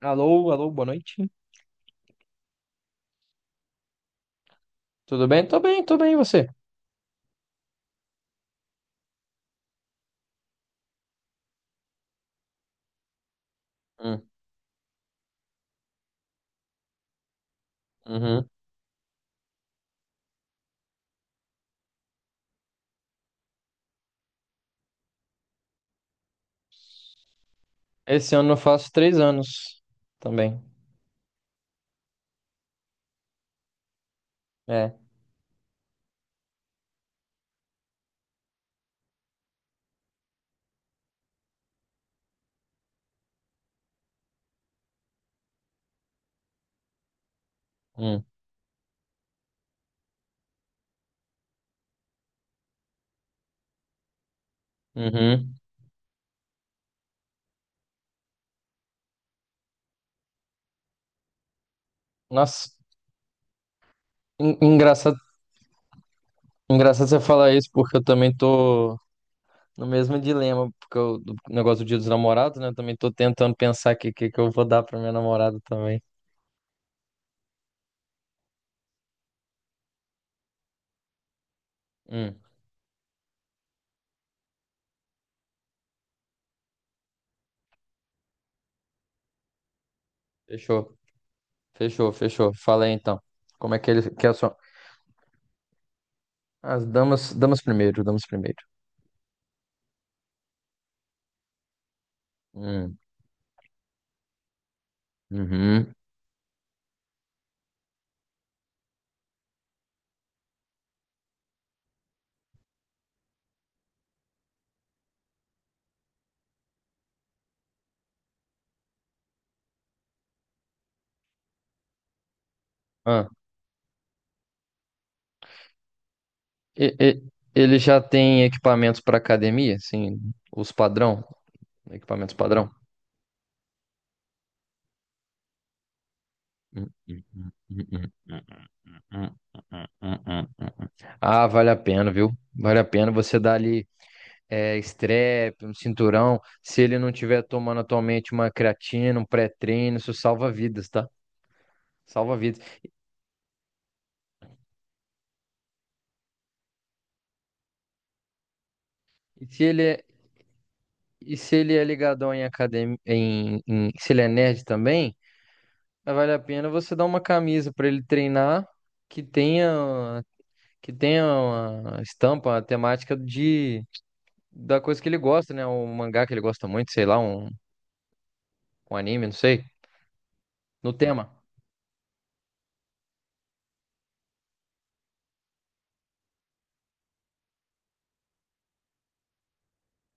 Alô, alô, boa noite. Tudo bem? Tô bem, e você? Hum, uhum. Esse ano eu faço três anos também. É. Hum, uhum. Nossa, engraçado, engraçado você falar isso, porque eu também tô no mesmo dilema, porque eu, do negócio do Dia dos Namorados, né? Eu também tô tentando pensar aqui o que, que eu vou dar pra minha namorada também. Hum, fechou, fechou. Fala aí então. Como é que ele que é a sua... As damas, damas primeiro, damas primeiro. Hum, uhum. Ah, E- e- ele já tem equipamentos para academia, assim, os padrão, equipamentos padrão. Ah, vale a pena, viu? Vale a pena você dar ali é, strep, um cinturão. Se ele não tiver tomando atualmente uma creatina, um pré-treino, isso salva vidas, tá? Salva vidas. E se ele é, e se ele é ligadão em academia, se ele é nerd também, vale a pena você dar uma camisa para ele treinar que tenha que tenha uma estampa, uma temática de da coisa que ele gosta, né? Um mangá que ele gosta muito, sei lá, um anime, não sei, no tema.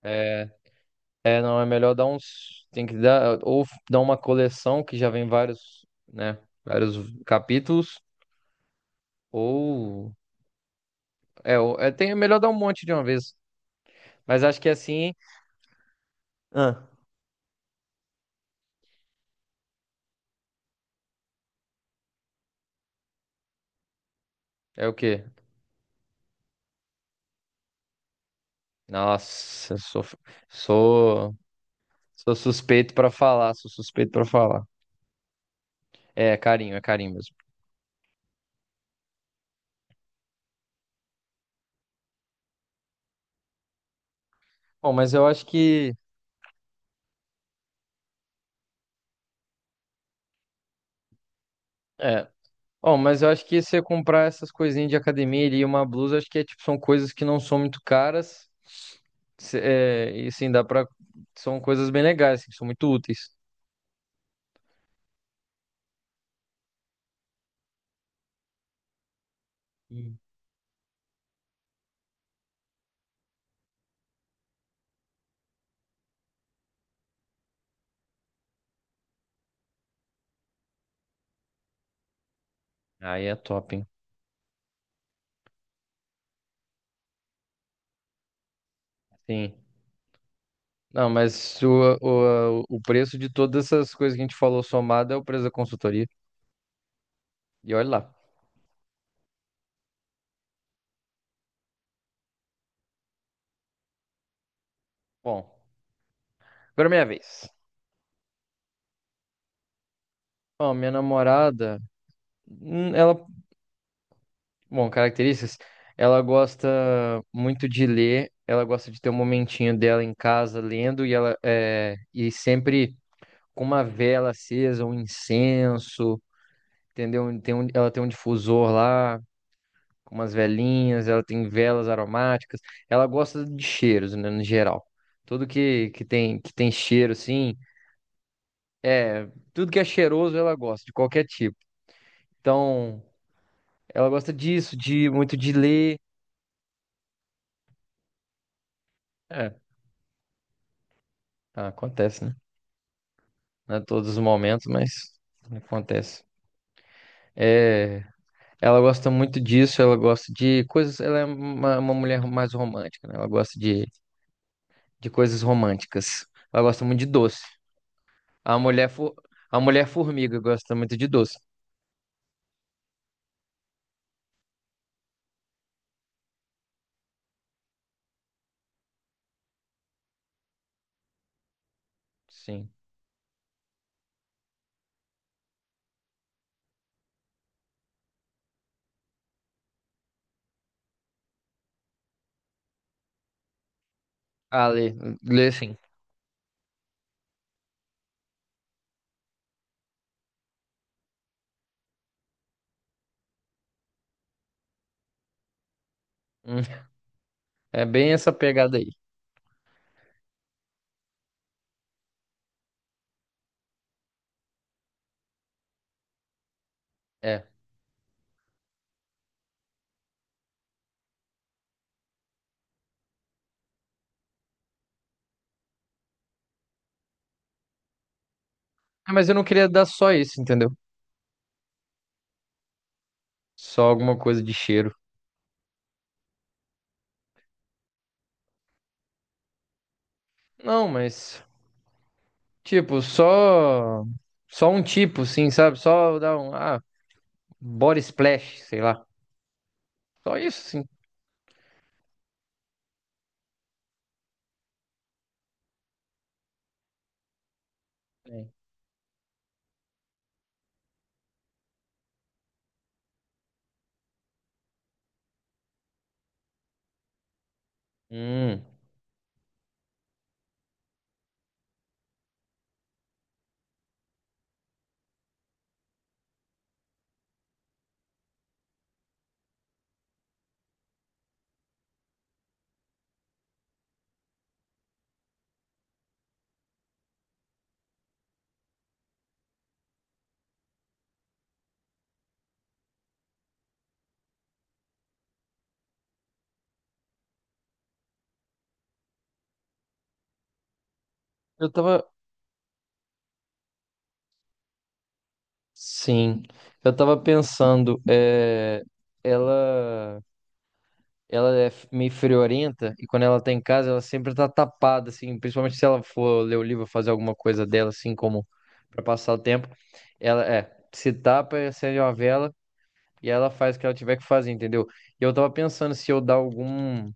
É, é, não é melhor dar uns, tem que dar ou dar uma coleção que já vem vários, né, vários capítulos ou ou- é tem é melhor dar um monte de uma vez. Mas acho que assim. Ah, é o quê? Nossa, eu sou sou suspeito pra falar, sou suspeito pra falar. É, é carinho mesmo. Bom, mas eu acho que é. Ó, mas eu acho que se você comprar essas coisinhas de academia ali e uma blusa, acho que é, tipo, são coisas que não são muito caras. É, e sim, dá pra. São coisas bem legais, assim, são muito úteis. Hum. Aí é top, hein? Sim. Não, mas o preço de todas essas coisas que a gente falou somado é o preço da consultoria. E olha lá. Bom, agora é minha vez. Ó, minha namorada, ela... Bom, características. Ela gosta muito de ler, ela gosta de ter um momentinho dela em casa lendo e ela é, e sempre com uma vela acesa, um incenso, entendeu? Tem um, ela tem um difusor lá, com umas velinhas, ela tem velas aromáticas. Ela gosta de cheiros, né, no geral. Tudo que, que tem cheiro assim, é, tudo que é cheiroso ela gosta, de qualquer tipo. Então, ela gosta disso, de muito de ler. É, ah, acontece, né? Não é todos os momentos, mas acontece. É, ela gosta muito disso, ela gosta de coisas. Ela é uma mulher mais romântica, né? Ela gosta de coisas românticas. Ela gosta muito de doce. A mulher, fo- a mulher formiga gosta muito de doce. Sim. Ah, lê, lê sim. Hum, é bem essa pegada aí. É. Ah, mas eu não queria dar só isso, entendeu? Só alguma coisa de cheiro. Não, mas, tipo, só. Só um tipo, sim, sabe? Só dar um. Ah, Body Splash, sei lá. Só isso, sim. É. Hum, eu tava. Sim, eu tava pensando, é, ela, meio friorenta e quando ela tá em casa ela sempre tá tapada, assim, principalmente se ela for ler o livro, fazer alguma coisa dela, assim, como pra passar o tempo, ela é, se tapa, acende uma vela. E ela faz o que ela tiver que fazer, entendeu? E eu tava pensando se eu dar algum,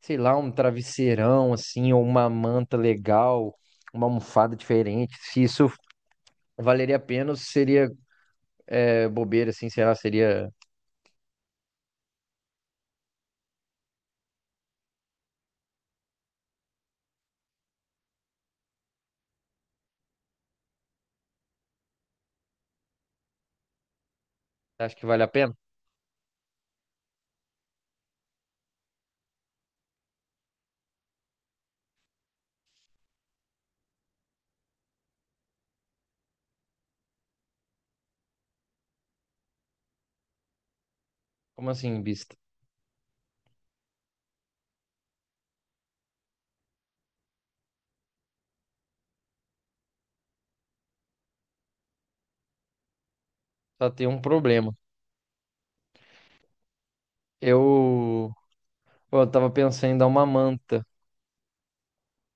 sei lá, um travesseirão, assim, ou uma manta legal, uma almofada diferente. Se isso valeria a pena ou se seria é, bobeira, assim, sei lá, seria. Acho que vale a pena? Como assim, bista? Só tem um problema. Eu, pô, eu tava pensando em dar uma manta.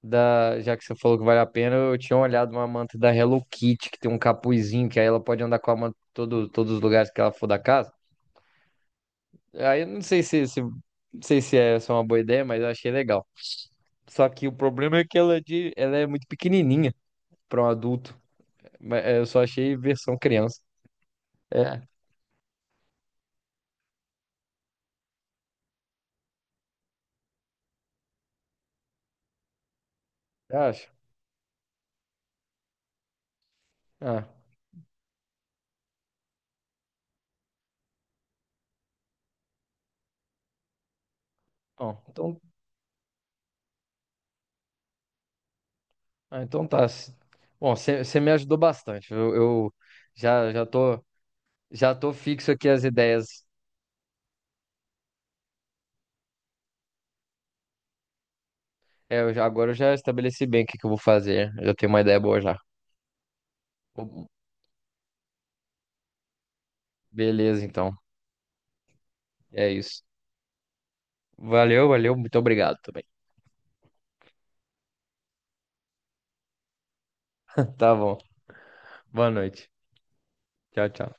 Da, já que você falou que vale a pena, eu tinha olhado uma manta da Hello Kitty, que tem um capuzinho, que aí ela pode andar com a manta em todo, todos os lugares que ela for da casa. Aí eu não sei se, se, não sei se é só uma boa ideia, mas eu achei legal. Só que o problema é que ela é, de, ela é muito pequenininha para um adulto. Mas, é, eu só achei versão criança. É, eu acho. Ah, bom, então, ah, então tá. Bom, você me ajudou bastante. Eu já, já tô, já tô fixo aqui as ideias. É, agora eu já estabeleci bem o que eu vou fazer. Eu já tenho uma ideia boa já. Beleza, então. É isso. Valeu, valeu. Muito obrigado também. Tá bom. Boa noite. Tchau, tchau.